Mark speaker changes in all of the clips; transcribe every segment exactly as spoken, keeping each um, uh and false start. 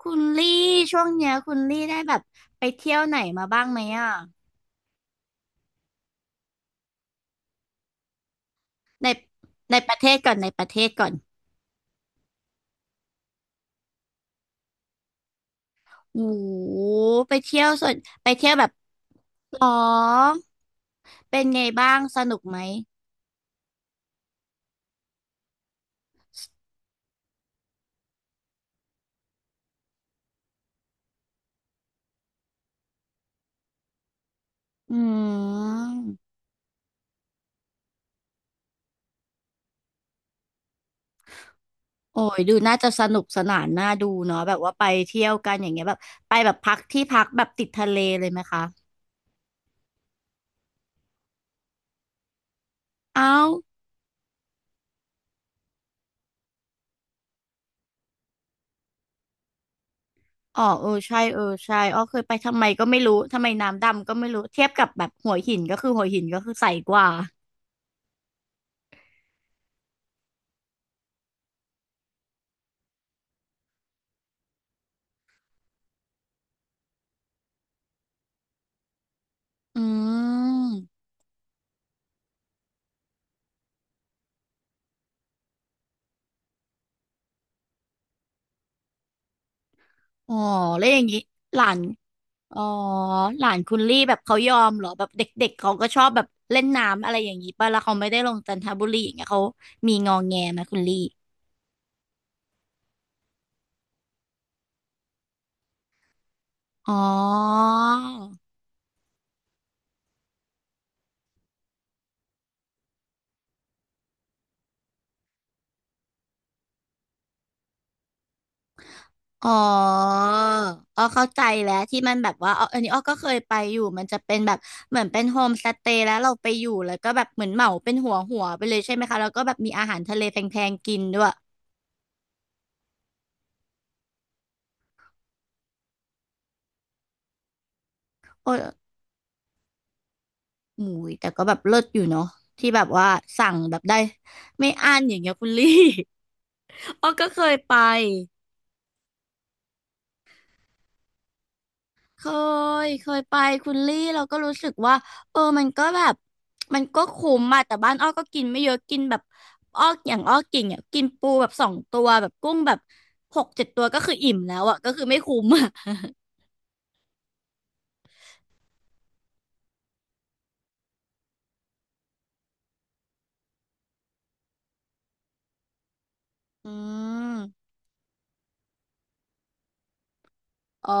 Speaker 1: คุณลี่ช่วงเนี้ยคุณลี่ได้แบบไปเที่ยวไหนมาบ้างไหมอ่ะในในประเทศก่อนในประเทศก่อนโอ้โหไปเที่ยวส่วนไปเที่ยวแบบหรอเป็นไงบ้างสนุกไหมอืมโอ้ยดูน่าจะสนุกสนานน่าดูเนาะแบบว่าไปเที่ยวกันอย่างเงี้ยแบบไปแบบพักที่พักแบบติดทะเลเลยไหมคะเอ้าอ๋อเออใช่เออใช่อ๋อเคยไปทำไมก็ไม่รู้ทำไมน้ำดำก็ไม่รู้เทียบกับแบบหัวหินก็คือหัวหินก็คือใสกว่า อืมอ๋อแล้วอย่างนี้หลานอ๋อหลานคุณลี่แบบเขายอมเหรอแบบเด็กๆเขาก็ชอบแบบเล่นน้ำอะไรอย่างนี้ป่ะแล้วเขาไม่ได้ลงจันทบุรีอย่างเงี้ยเขามีงอแงไหมคุณลี่อ๋ออ๋ออ้อเข้าใจแล้วที่มันแบบว่าอ๋ออันนี้อ้อก็เคยไปอยู่มันจะเป็นแบบเหมือนเป็นโฮมสเตย์แล้วเราไปอยู่แล้วก็แบบเหมือนเหมาเป็นหัวหัวไปเลยใช่ไหมคะแล้วก็แบบมีอาหารทะเลแพงๆกินด้วยโอ้ย หมูยแต่ก็แบบเลิศอยู่เนาะที่แบบว่าสั่งแบบได้ไม่อั้นอย่างเงี้ยคุณลี่ อ้อก็เคยไปเคยเคยไปคุณลี่เราก็รู้สึกว่าเออมันก็แบบมันก็คุ้มอะแต่บ้านอ้อก็กินไม่เยอะกินแบบอ้ออย่างอ้อกินเนี่ยกินปูแบบสองตัวแบบกุ้งแบบหกเจ็ดตัวก็คืออิ่มแล้วอะก็คือไม่คุ้มอะ อืมอ๋อ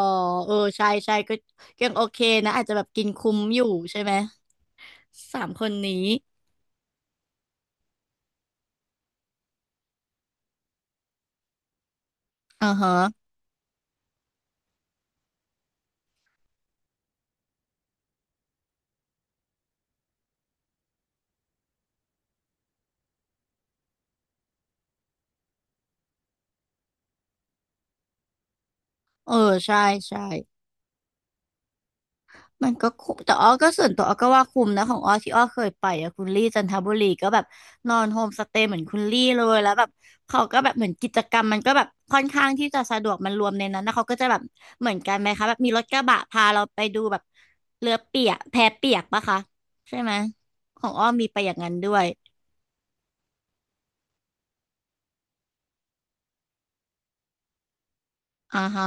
Speaker 1: เออใช่ใช่ก็ยังโอเคนะอาจจะแบบกินคุ้มอยู่ใช่ไหมสามคนนี้อ่าฮะ เออใช่ใช่มันก็คุ้มแต่อ้อก็ส่วนตัวอ้อก็ว่าคุ้มนะของอ้อที่อ้อเคยไปอะคุณลี่จันทบุรีก็แบบนอนโฮมสเตย์เหมือนคุณลี่เลยแล้วแบบเขาก็แบบเหมือนกิจกรรมมันก็แบบค่อนข้างที่จะสะดวกมันรวมในนั้นนะเขาก็จะแบบเหมือนกันไหมคะแบบมีรถกระบะพาเราไปดูแบบเรือเปียกแพเปียกปะคะใช่ไหมของอ้อมีไปอย่างนั้นด้วยอ่าฮะ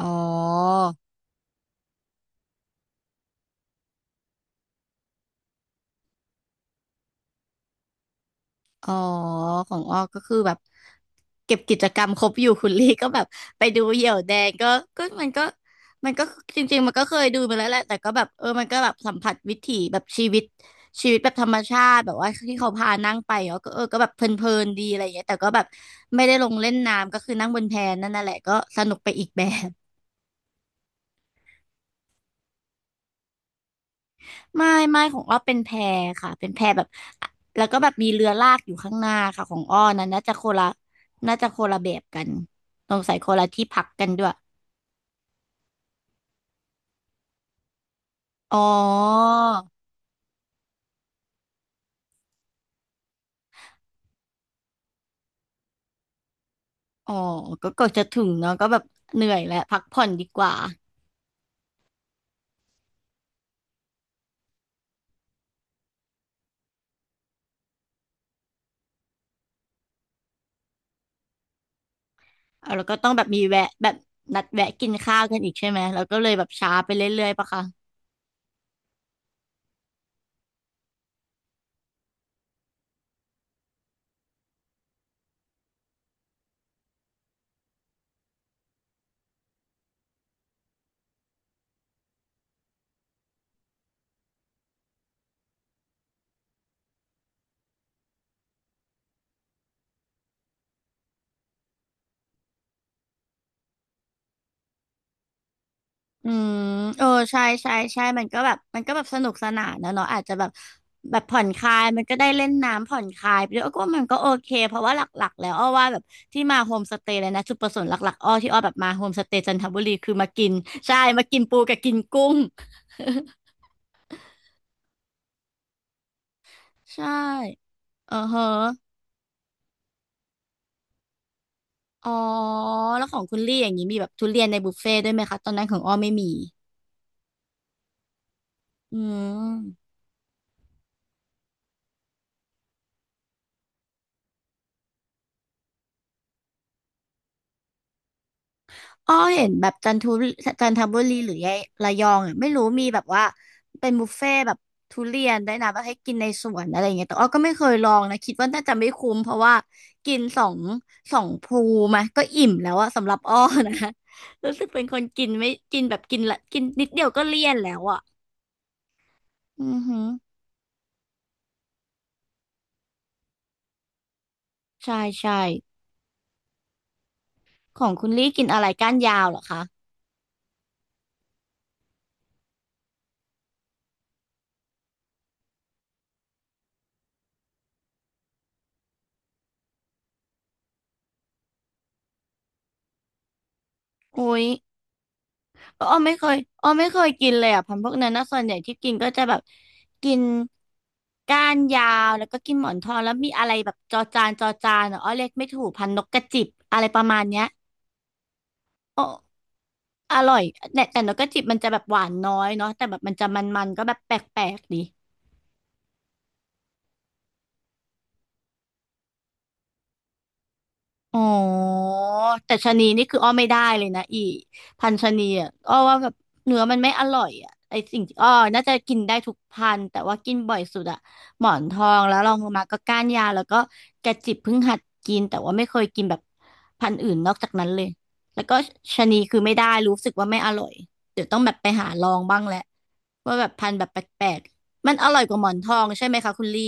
Speaker 1: อ๋อ อ๋อของอ้อก็คือแบบเก็บกิจกรรมครบอยู่คุณลี่ก็แบบไปดูเหยี่ยวแดงก็ก็มันก็มันก็จริงๆมันก็เคยดูมาแล้วแหละแต่ก็แบบเออมันก็แบบสัมผัสวิถีแบบชีวิตชีวิตแบบธรรมชาติแบบว่าที่เขาพานั่งไปเนาะก็เออก็แบบเพลินๆดีอะไรอย่างเงี้ยแต่ก็แบบไม่ได้ลงเล่นน้ำก็คือนั่งบนแพนั่นน่ะแหละก็สนุกไปอีกแบบ ไม่ไม่ของอ้อเป็นแพค่ะเป็นแพแบบแล้วก็แบบมีเรือลากอยู่ข้างหน้าค่ะของอ้อนะน่าจะคนละน่าจะคนละแบบกันสงสัยคนละที่พักกันด้วยอ๋ออ๋อก็ก็จะถึงเนาะก็แบบเหนื่อยแล้วพักผ่อนดีกว่าเอาแล้วก็ต้องแบบมีแวะแบบนัดแวะกินข้าวกันอีกใช่ไหมแล้วก็เลยแบบช้าไปเรื่อยๆปะคะ อืมเออใช่ใช่ใช่มันก็แบบมันก็แบบสนุกสนานนะเนาะอาจจะแบบแบบผ่อนคลายมันก็ได้เล่นน้ำผ่อนคลายไปด้วยอ้อก็ว่ามันก็โอเคเพราะว่าหลักๆแล้วอ้อว่าแบบที่มาโฮมสเตย์เลยนะจุดประสงค์หลักๆอ้อที่อ้อแบบมาโฮมสเตย์จันทบุรีคือมากินใช่มากินปูกับกินกุ้งใช่เออเฮออ๋อแล้วของคุณลี่อย่างนี้มีแบบทุเรียนในบุฟเฟ่ต์ด้วยไหมคะตอนนั้นของอ้อไม่มีอืม อ้อเห็นแบบจันทุจันทบุรีหรือยะระยองอะไม่รู้มีแบบว่าเป็นบุฟเฟ่ต์แบบทุเรียนได้วยนะแบบให้กินในสวนอะไรอย่างเงี้ยแต่อ้อก็ไม่เคยลองนะคิดว่าน่าจะไม่คุ้มเพราะว่ากินสองสองภูมาก็อิ่มแล้วอะสำหรับอ้อนะ รู้สึกเป็นคนกินไม่กินแบบกินละกินนิดเดียวก็เลี่ยนแล้วอะอือหือใช่ใช่ของคุณลี่กินอะไรก้านยาวเหรอคะโอ้ย อ้อไม่เคยอ้อไม่เคยกินเลยอ่ะพันธุ์พวกนั้นนะส่วนใหญ่ที่กินก็จะแบบกินก้านยาวแล้วก็กินหมอนทองแล้วมีอะไรแบบจอจานจอจานอะอ้อเรียกไม่ถูกพันธุ์นกกระจิบอะไรประมาณเนี้ยอ้ออร่อยแต่แต่นกกระจิบมันจะแบบหวานน้อยเนาะแต่แบบมันจะมันๆก็แบบแปลกๆดี อ๋อแต่ชะนีนี่คืออ้อไม่ได้เลยนะอีพันธุ์ชะนีอ่ะอ้อว่าแบบเนื้อมันไม่อร่อยอ่ะไอสิ่งที่อ้อน่าจะกินได้ทุกพันธุ์แต่ว่ากินบ่อยสุดอ่ะหมอนทองแล้วลองลงมาก็ก้านยาวแล้วก็กระจิบเพิ่งหัดกินแต่ว่าไม่เคยกินแบบพันธุ์อื่นนอกจากนั้นเลยแล้วก็ชะนีคือไม่ได้รู้สึกว่าไม่อร่อยเดี๋ยวต้องแบบไปหาลองบ้างแหละว่าแบบพันธุ์แบบแปลกๆมันอร่อยกว่าหมอนทองใช่ไหมคะคุณลี่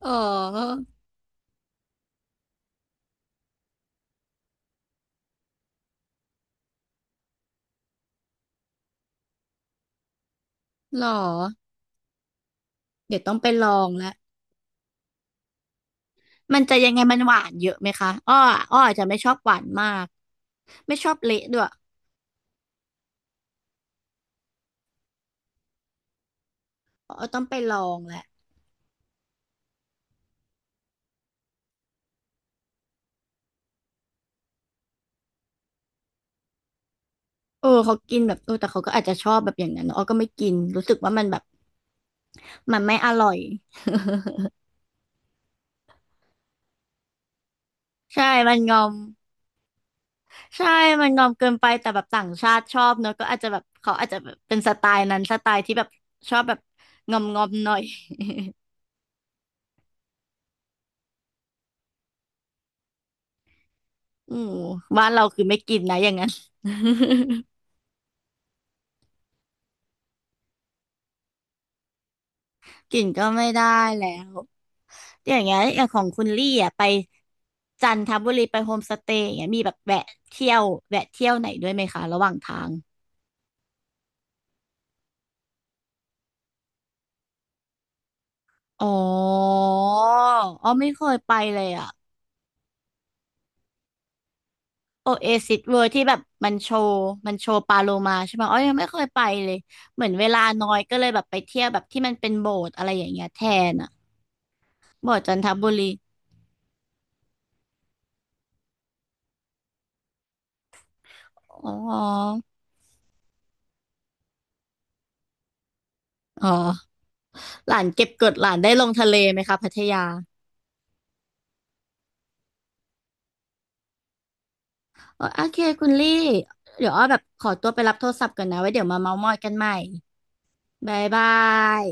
Speaker 1: อ๋อเหรอเดี๋ยวต้องไปลองแล้ว มันจะยังไงมันหวานเยอะไหมคะอ้ออ้ออาจจะไม่ชอบหวานมากไม่ชอบเละด้วยอ้อต้องไปลองแหละเออเขากินแบบเออแต่เขาก็อาจจะชอบแบบอย่างนั้นเนอะอ้อก็ไม่กินรู้สึกว่ามันแบบมันไม่อร่อยใช่มันงอมใช่มันงอมเกินไปแต่แบบต่างชาติชอบเนอะก็อาจจะแบบเขาอาจจะแบบเป็นสไตล์นั้นสไตล์ที่แบบชอบแบบงอมงอมหน่อย อือบ้านเราคือไม่กินนะอย่างนั้น กินก็ไม่ได้แล้ว อย่างเงี้ยอย่างของคุณลี่อ่ะไปจันทบุรีไปโฮมสเตย์อย่างเงี้ยมีแบบแวะเที่ยวแวะเที่ยวไหนด้วยไหมคะระหว่างทางอ๋ออ๋อไม่เคยไปเลยอ่ะโอเอซิสเวิร์ที่แบบมันโชว์มันโชว์ปลาโลมาใช่ไหมอ๋อยังไม่เคยไปเลยเหมือนเวลาน้อยก็เลยแบบไปเที่ยวแบบที่มันเป็นโบสถ์อะไรอย่างเงี้ยแทนอ่ะโบสถ์จันทบุรีอ๋ออ๋อหลานเก็บกดหลานได้ลงทะเลไหมคะพัทยา โออโอเคคุณลี่ เดี๋ยวอ้อแบบขอตัวไปรับโทรศัพท์ก่อนนะไว้เดี๋ยวมาเม้าท์มอยกันใหม่บ๊ายบาย